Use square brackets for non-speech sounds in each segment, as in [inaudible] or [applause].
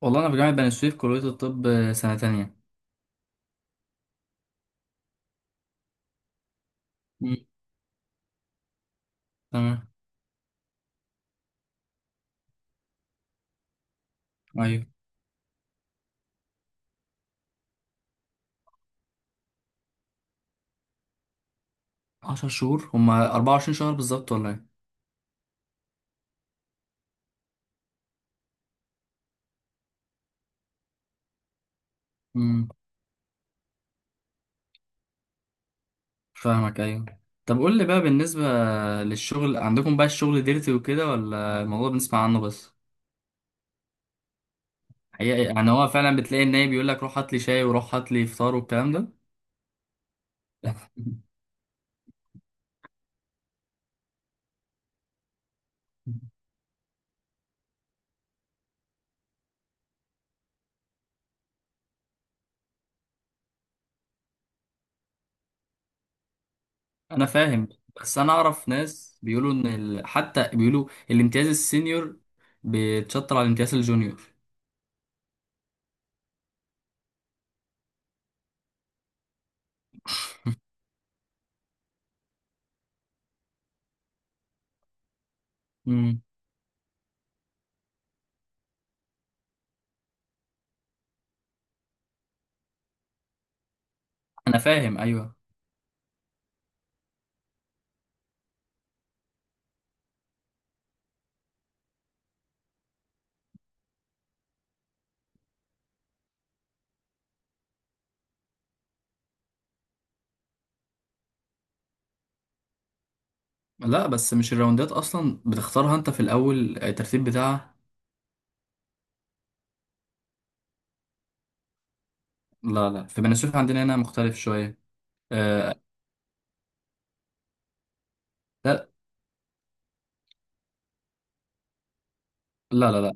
والله انا في جامعه بني سويف، كليه الطب، سنه تانية. مم. تمام. ايوه، 10 شهور هما 24 شهر بالظبط ولا ايه؟ امم. فاهمك، ايوه. طب قول لي بقى، بالنسبه للشغل عندكم بقى، الشغل ديرتي وكده ولا الموضوع بنسمع عنه بس؟ حقيقة؟ يعني هو فعلا بتلاقي النايب بيقول لك روح هات لي شاي وروح هات لي فطار والكلام ده؟ [laughs] انا فاهم. بس انا اعرف ناس بيقولوا ان حتى بيقولوا الامتياز السينيور بيتشطر على الامتياز الجونيور. امم. انا فاهم، ايوه. لا بس مش الراوندات اصلا بتختارها انت في الاول؟ الترتيب بتاعها. لا لا، في بني سويف عندنا هنا مختلف شويه. آه. لا لا لا, لا.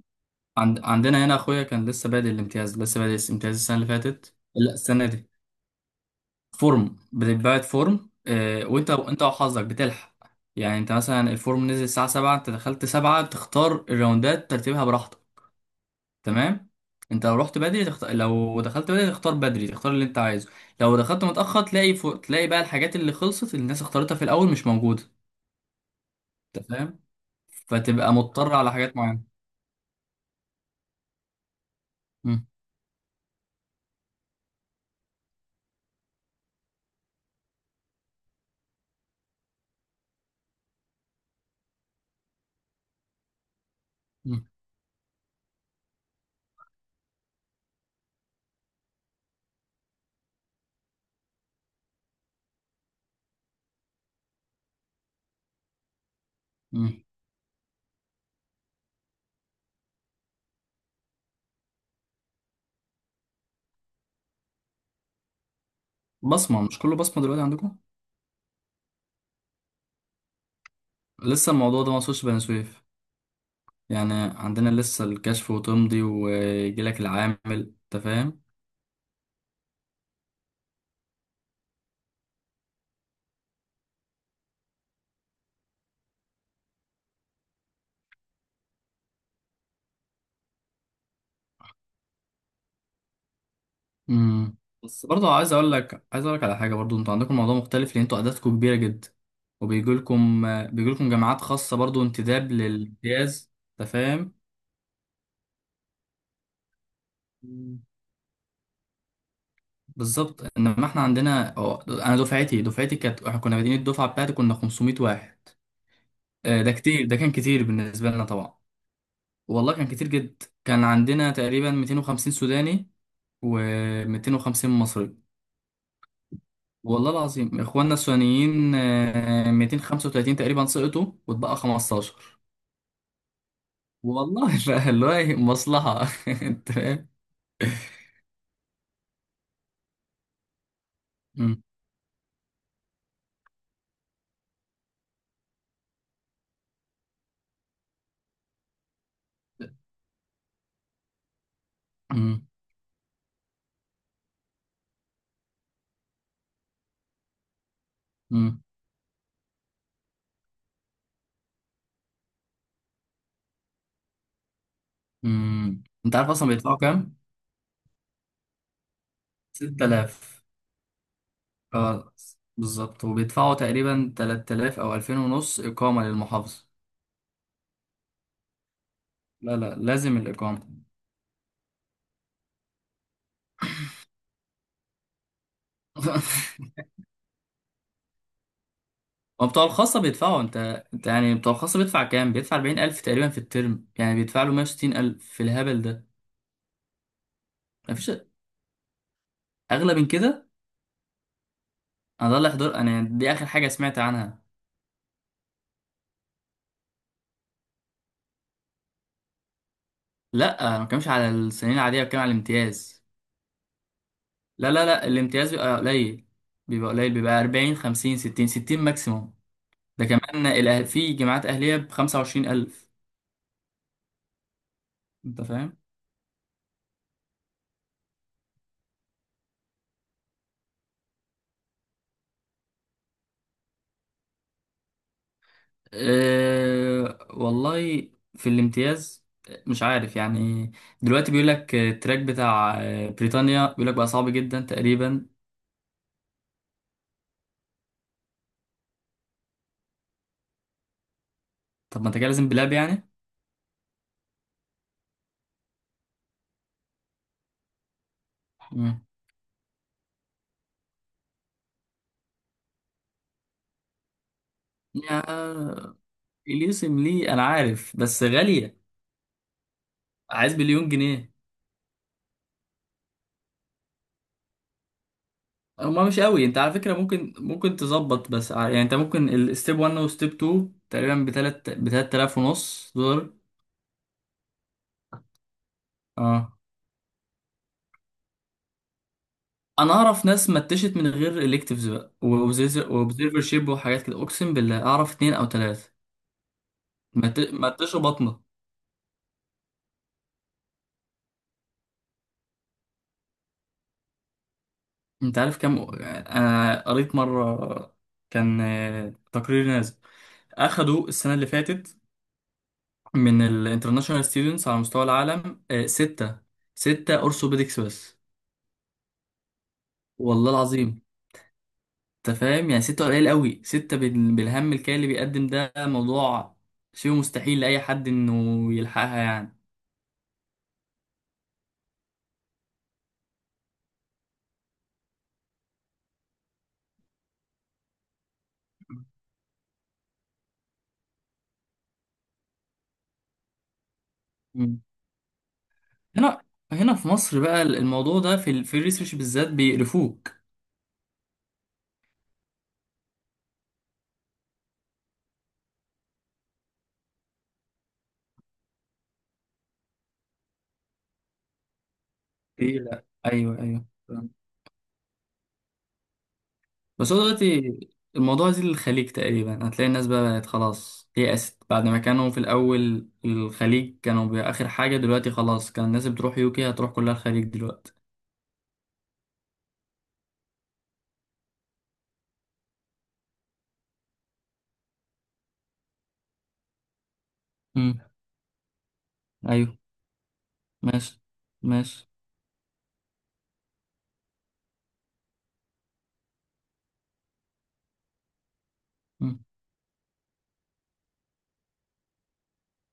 عندنا هنا اخويا كان لسه بادئ الامتياز السنه اللي فاتت، لا السنه دي. فورم بتتبعت، فورم، وانت، انت وحظك بتلحق. يعني انت مثلا الفورم نزل الساعه 7، انت دخلت 7 تختار الراوندات ترتيبها براحتك. تمام. انت لو رحت بدري لو دخلت بدري تختار، بدري تختار اللي انت عايزه. لو دخلت متأخر تلاقي تلاقي بقى الحاجات اللي خلصت، اللي الناس اختارتها في الأول مش موجودة. انت فاهم؟ فتبقى مضطر على حاجات معينة. مم. مم. مم. بصمة؟ مش كله بصمة دلوقتي عندكم؟ لسه الموضوع ده ما وصلش بني سويف. يعني عندنا لسه الكشف وتمضي ويجيلك العامل. انت فاهم. امم. بس برضه عايز اقول لك على حاجه، برضه انتوا عندكم الموضوع مختلف، لان انتوا اعدادكم كبيره جدا. وبيجي لكم جامعات خاصه برضه، انتداب للامتياز. انت فاهم. مم. بالظبط، انما احنا عندنا، أو انا دفعتي كانت، احنا كنا بادئين، الدفعه بتاعتي كنا 500 واحد. ده كتير، ده كان كتير بالنسبه لنا طبعا. والله كان كتير جدا، كان عندنا تقريبا 250 سوداني و250 مصري. والله العظيم اخواننا السودانيين، 235 تقريبا سقطوا واتبقى 15. والله [laughs] بقى اللي هو إيه، مصلحة. [laughs] انت فاهم. مم. مم. مم. مم. انت عارف اصلا بيدفعوا كام؟ 6000. اه بالظبط. وبيدفعوا تقريبا 3000 او 2000 ونص اقامة للمحافظة. لا لا، لازم الاقامة. [laughs] هو بتوع الخاصة بيدفعوا انت يعني بتوع الخاصة بيدفع كام؟ بيدفع 40000 تقريبا في الترم، يعني بيدفع له 160000 في الهبل ده. مفيش اغلى من كده. انا ده اللي حضر، انا دي اخر حاجه سمعت عنها. لا، انا ما بتكلمش على السنين العاديه، بتكلم على الامتياز. لا لا لا، الامتياز بيبقى قليل. بيبقى 40، 50، 60، 60 ماكسيموم. ده كمان. في جامعات اهليه ب 25000. انت فاهم. أه والله، في الامتياز مش عارف يعني. دلوقتي بيقول لك التراك بتاع بريطانيا، بيقول لك بقى صعب جدا تقريبا. طب ما انت كده لازم بلاب يعني. مم. يا اليوسم ليه انا عارف، بس غالية. عايز مليون جنيه. هما مش قوي. انت على فكرة، ممكن تظبط، بس يعني انت ممكن الستيب 1 وستيب 2 تقريبا بتلات آلاف ونص دولار. اه. انا اعرف ناس متشت من غير الكتيفز بقى، واوبزرفر شيب وحاجات كده، اقسم بالله اعرف اتنين او تلاتة. متشوا بطنه. انت عارف كام؟ انا قريت مرة كان تقرير نازل، اخدوا السنة اللي فاتت من الانترناشونال ستودنتس على مستوى العالم، ستة اورثوبيدكس بس. والله العظيم. انت فاهم؟ يعني ستة قليل قوي، ستة بالهم الكالي اللي بيقدم، ده موضوع شيء مستحيل لأي حد انه يلحقها يعني. مم. هنا هنا في مصر بقى الموضوع ده في الريسيرش بالذات بيقرفوك. إيه، لا، ايوه ايوه. بس هو دلوقتي الموضوع زي للخليج تقريبا، هتلاقي الناس بقى بقت خلاص يأست. بعد ما كانوا في الأول الخليج كانوا آخر حاجة، دلوقتي خلاص. كان الناس بتروح يوكي، هتروح كلها الخليج دلوقتي. امم. أيوه. ماشي ماشي. مم.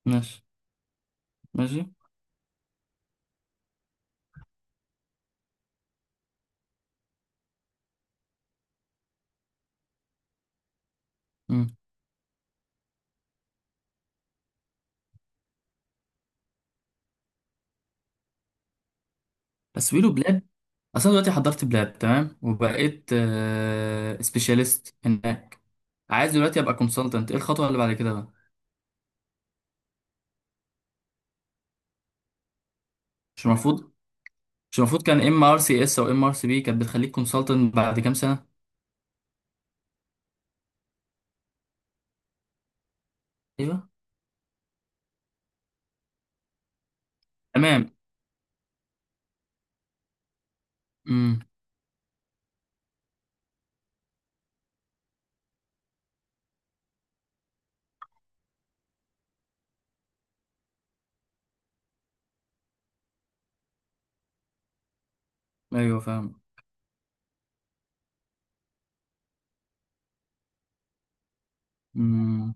ماشي ماشي. مم. بس بيقولوا بلاد، أصلا دلوقتي حضرت بلاد تمام وبقيت سبيشاليست هناك. عايز دلوقتي أبقى كونسلتنت، إيه الخطوة اللي بعد كده بقى؟ مش المفروض، كان ام ار سي اس او ام ار سي بي كانت بتخليك كونسلتنت بعد كام سنة. ايوه تمام. امم. ايوه فاهم. امم.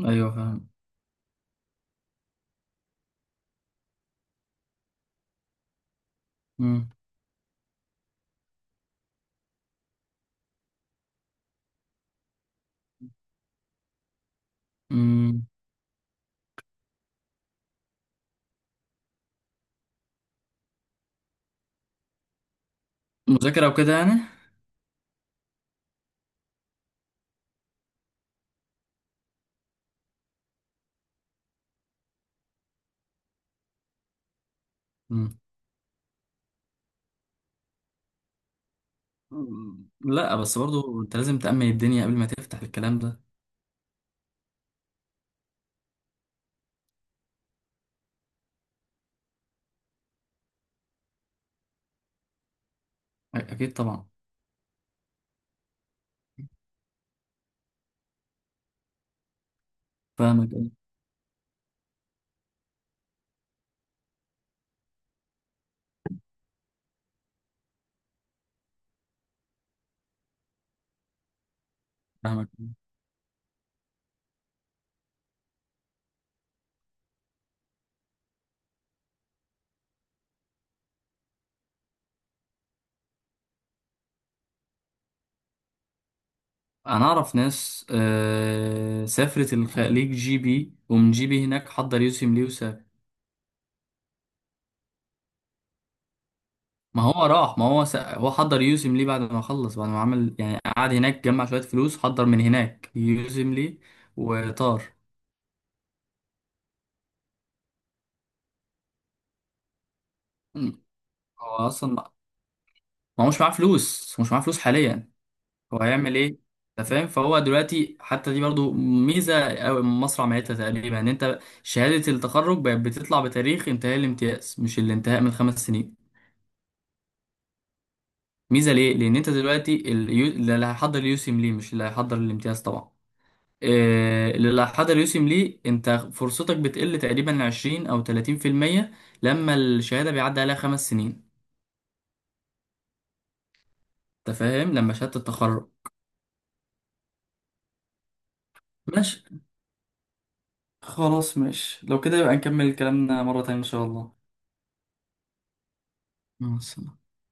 ايوه فاهم. امم. امم. مذاكره وكده يعني. امم. لا بس برضو انت لازم تأمن الدنيا قبل ما تفتح الكلام ده. اكيد طبعا. فاهمك، أيوة. فاهمك، أوي. انا اعرف ناس سافرت الخليج جي بي، ومن جي بي هناك حضر يوسم ليه وسافر. ما هو راح، ما هو هو حضر يوسم ليه بعد ما خلص، بعد ما عمل، يعني قعد هناك، جمع شويه فلوس، حضر من هناك يوسم ليه وطار. مم. هو اصلا، ما هو مش معاه فلوس، هو مش معاه فلوس حاليا، هو هيعمل ايه؟ انت فاهم. فهو دلوقتي حتى دي برضو ميزه او مصنع مهنتها تقريبا، ان انت شهاده التخرج بقت بتطلع بتاريخ انتهاء الامتياز، مش الانتهاء من 5 سنين. ميزه ليه؟ لان انت دلوقتي اللي هيحضر يوسم ليه مش اللي هيحضر الامتياز طبعا. اللي هيحضر يوسم ليه، انت فرصتك بتقل تقريبا 20 او 30% لما الشهاده بيعدي عليها 5 سنين. انت فاهم لما شهاده التخرج. خلاص ماشي، لو كده يبقى نكمل كلامنا مرة تانية إن شاء الله. مع السلامة.